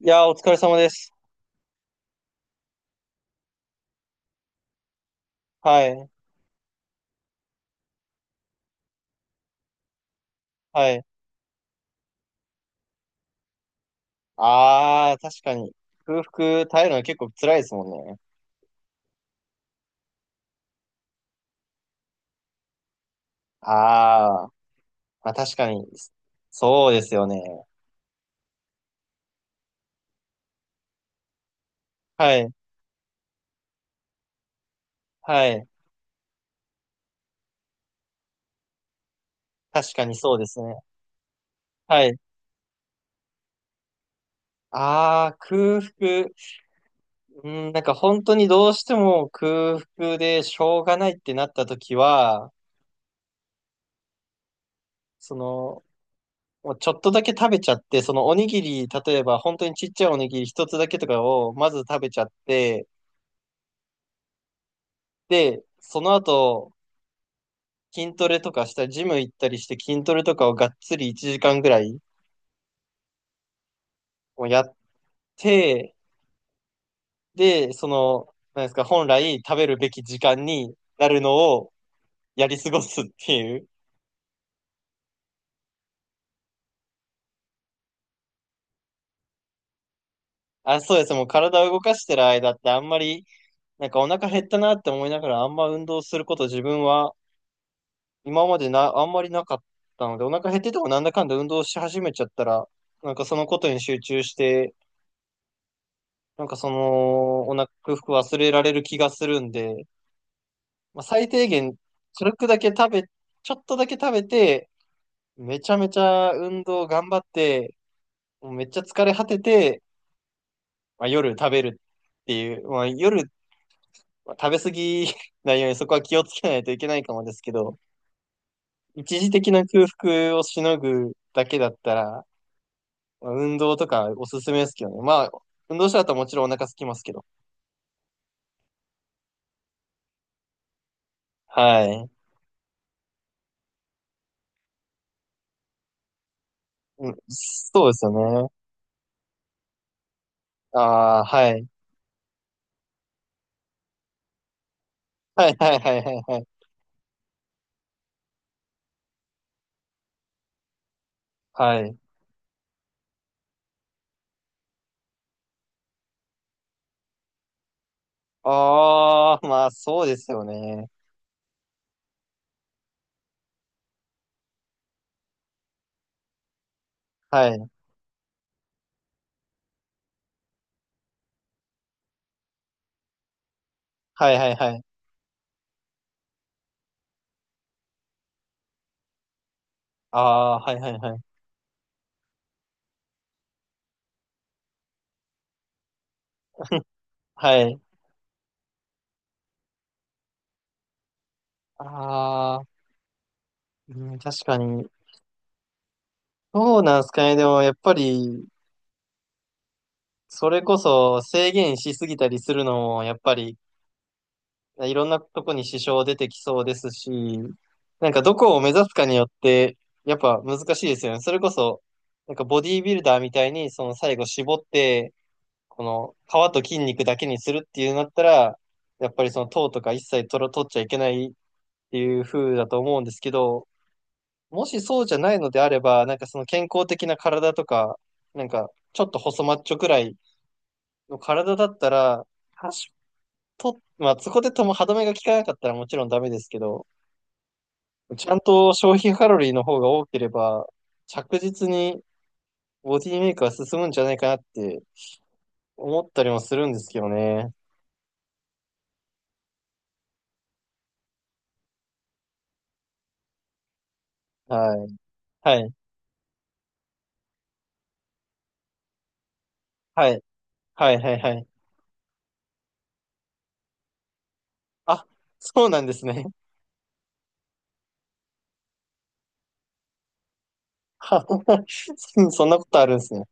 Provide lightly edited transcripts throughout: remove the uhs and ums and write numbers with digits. いやー、お疲れ様です。はい。はい。ああ、確かに。空腹耐えるのは結構辛いですもんね。あーまあ、確かに。そうですよね。はい。はい。確かにそうですね。はい。ああ、空腹。うん、なんか本当にどうしても空腹でしょうがないってなった時は、その、もうちょっとだけ食べちゃって、そのおにぎり、例えば本当にちっちゃいおにぎり一つだけとかをまず食べちゃって、で、その後、筋トレとかしたり、ジム行ったりして筋トレとかをがっつり1時間ぐらいもやって、で、その、なんですか、本来食べるべき時間になるのをやり過ごすっていう。あ、そうです。もう体を動かしてる間ってあんまり、なんかお腹減ったなって思いながらあんま運動すること自分は今までな、あんまりなかったので、お腹減っててもなんだかんだ運動し始めちゃったら、なんかそのことに集中して、なんかその、お腹、服忘れられる気がするんで、まあ、最低限、軽くだけ食べ、ちょっとだけ食べて、めちゃめちゃ運動頑張って、もうめっちゃ疲れ果てて、まあ、夜食べるっていう、まあ、夜、まあ食べ過ぎ ないようにそこは気をつけないといけないかもですけど、一時的な空腹をしのぐだけだったら、まあ運動とかおすすめですけどね。まあ、運動した後はもちろんお腹空きますけど。はい。うん、そうですよね。ああ、はい。はいはいはいはいはい。はい。ああ、まあそうですよね。はい。はいはいはい。ああ、はいはいはい。はい。ああ、うん、確かに。そうなんすかね。でもやっぱり、それこそ制限しすぎたりするのも、やっぱり、いろんなとこに支障出てきそうですし、なんかどこを目指すかによって、やっぱ難しいですよね。それこそ、なんかボディービルダーみたいに、その最後絞って、この皮と筋肉だけにするっていうなだったら、やっぱりその糖とか一切取ら、取っちゃいけないっていう風だと思うんですけど、もしそうじゃないのであれば、なんかその健康的な体とか、なんかちょっと細マッチョくらいの体だったら、多少と、まあそこでとも歯止めが効かなかったらもちろんダメですけど、ちゃんと消費カロリーの方が多ければ、着実にボディメイクは進むんじゃないかなって思ったりもするんですけどね。はい。はい。はい。はいはいはい。あ、そうなんですね。ははそんなことあるんですね。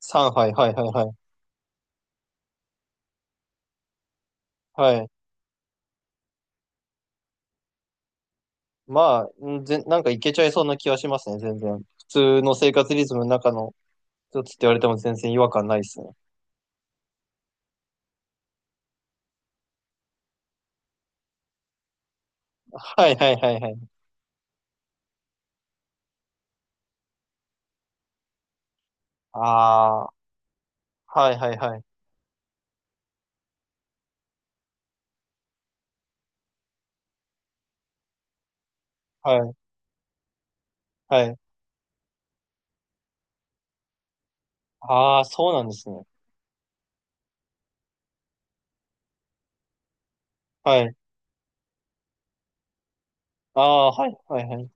3杯、はいはいはいはい。はい。まあ、なんかいけちゃいそうな気はしますね、全然。普通の生活リズムの中の一つって言われても全然違和感ないですね。はいはいはいはい。ああ、はいはいはい。はいはい。ああ、そうなんですね。はい。ああ、はいはいはい。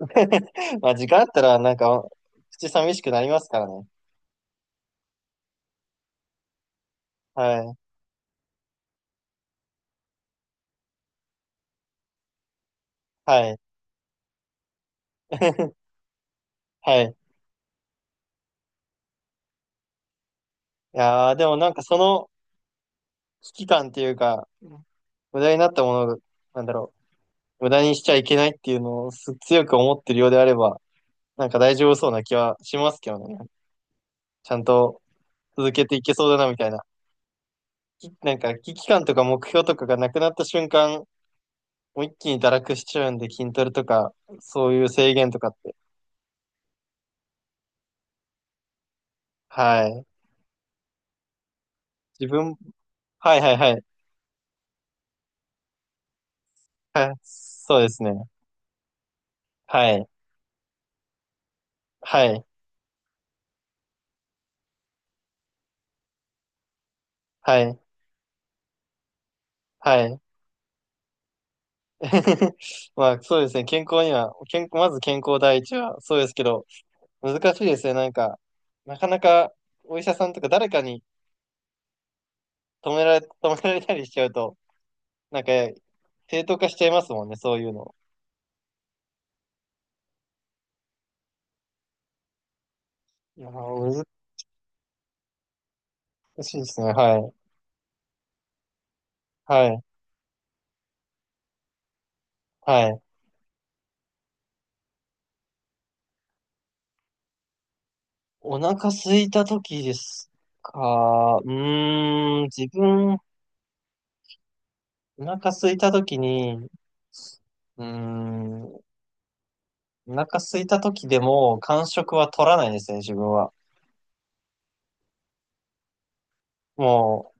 まあ、時間あったら、なんか、口寂しくなりますからね。はい。はい。はい。いやー、でもなんかその、危機感っていうか、無駄になったもの、なんだろう、無駄にしちゃいけないっていうのを強く思ってるようであれば、なんか大丈夫そうな気はしますけどね。ちゃんと続けていけそうだなみたいな。なんか危機感とか目標とかがなくなった瞬間、もう一気に堕落しちゃうんで、筋トレとか、そういう制限とかって。はい。自分、はいはいはい。はい。そうですね。はい。はい。はい。はい。まあそうですね、健康には、健まず健康第一はそうですけど、難しいですね、なんか、なかなかお医者さんとか誰かに止められ、止められたりしちゃうと、なんか正当化しちゃいますもんね、そういうの。いやー、難しいですね、はい、はい、はい。お腹空いた時ですか、うーん、自分、お腹空いた時に、うーん、お腹空いた時でも間食は取らないですね、自分は。もう、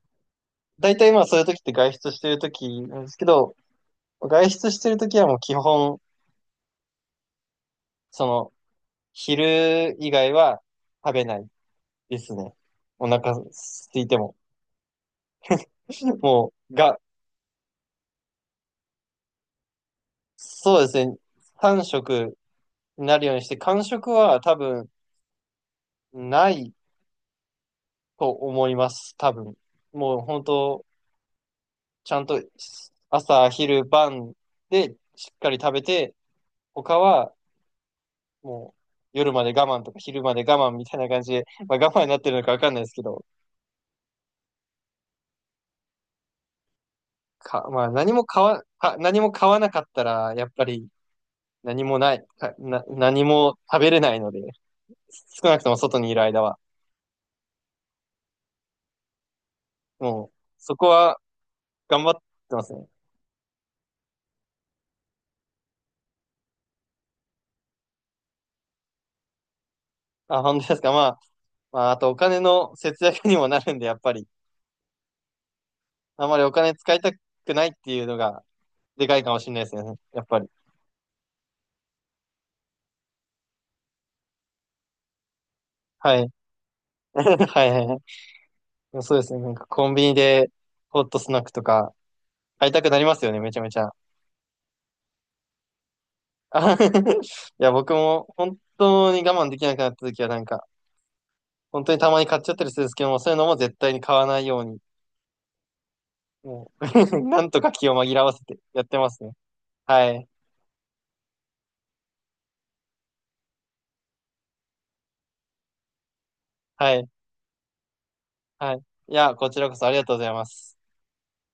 大体まあそういう時って外出してる時なんですけど、外出してる時はもう基本、その、昼以外は食べないですね。お腹空いても。もう、そうですね。3食になるようにして、間食は多分ないと思います。多分。もう本当、ちゃんと朝、昼、晩でしっかり食べて、他はもう夜まで我慢とか昼まで我慢みたいな感じで、まあ、我慢になってるのかわかんないですけど、まあ何も買わなかったら、やっぱり何もない、かな、何も食べれないので、少なくとも外にいる間は。もう、そこは頑張ってますね。あ、本当ですか。まあ、まあ、あとお金の節約にもなるんで、やっぱり、あまりお金使いたくないっていうのが、でかいかもしれないですね。やっぱり。はい。はいはいはい。そうですね。なんかコンビニで、ホットスナックとか、会いたくなりますよね、めちゃめちゃ。あ いや、僕も本当に我慢できなくなった時はなんか、本当にたまに買っちゃったりするんですけども、そういうのも絶対に買わないように、もう なんとか気を紛らわせてやってますね。はい、はい、はい。いや、こちらこそありがとうございます。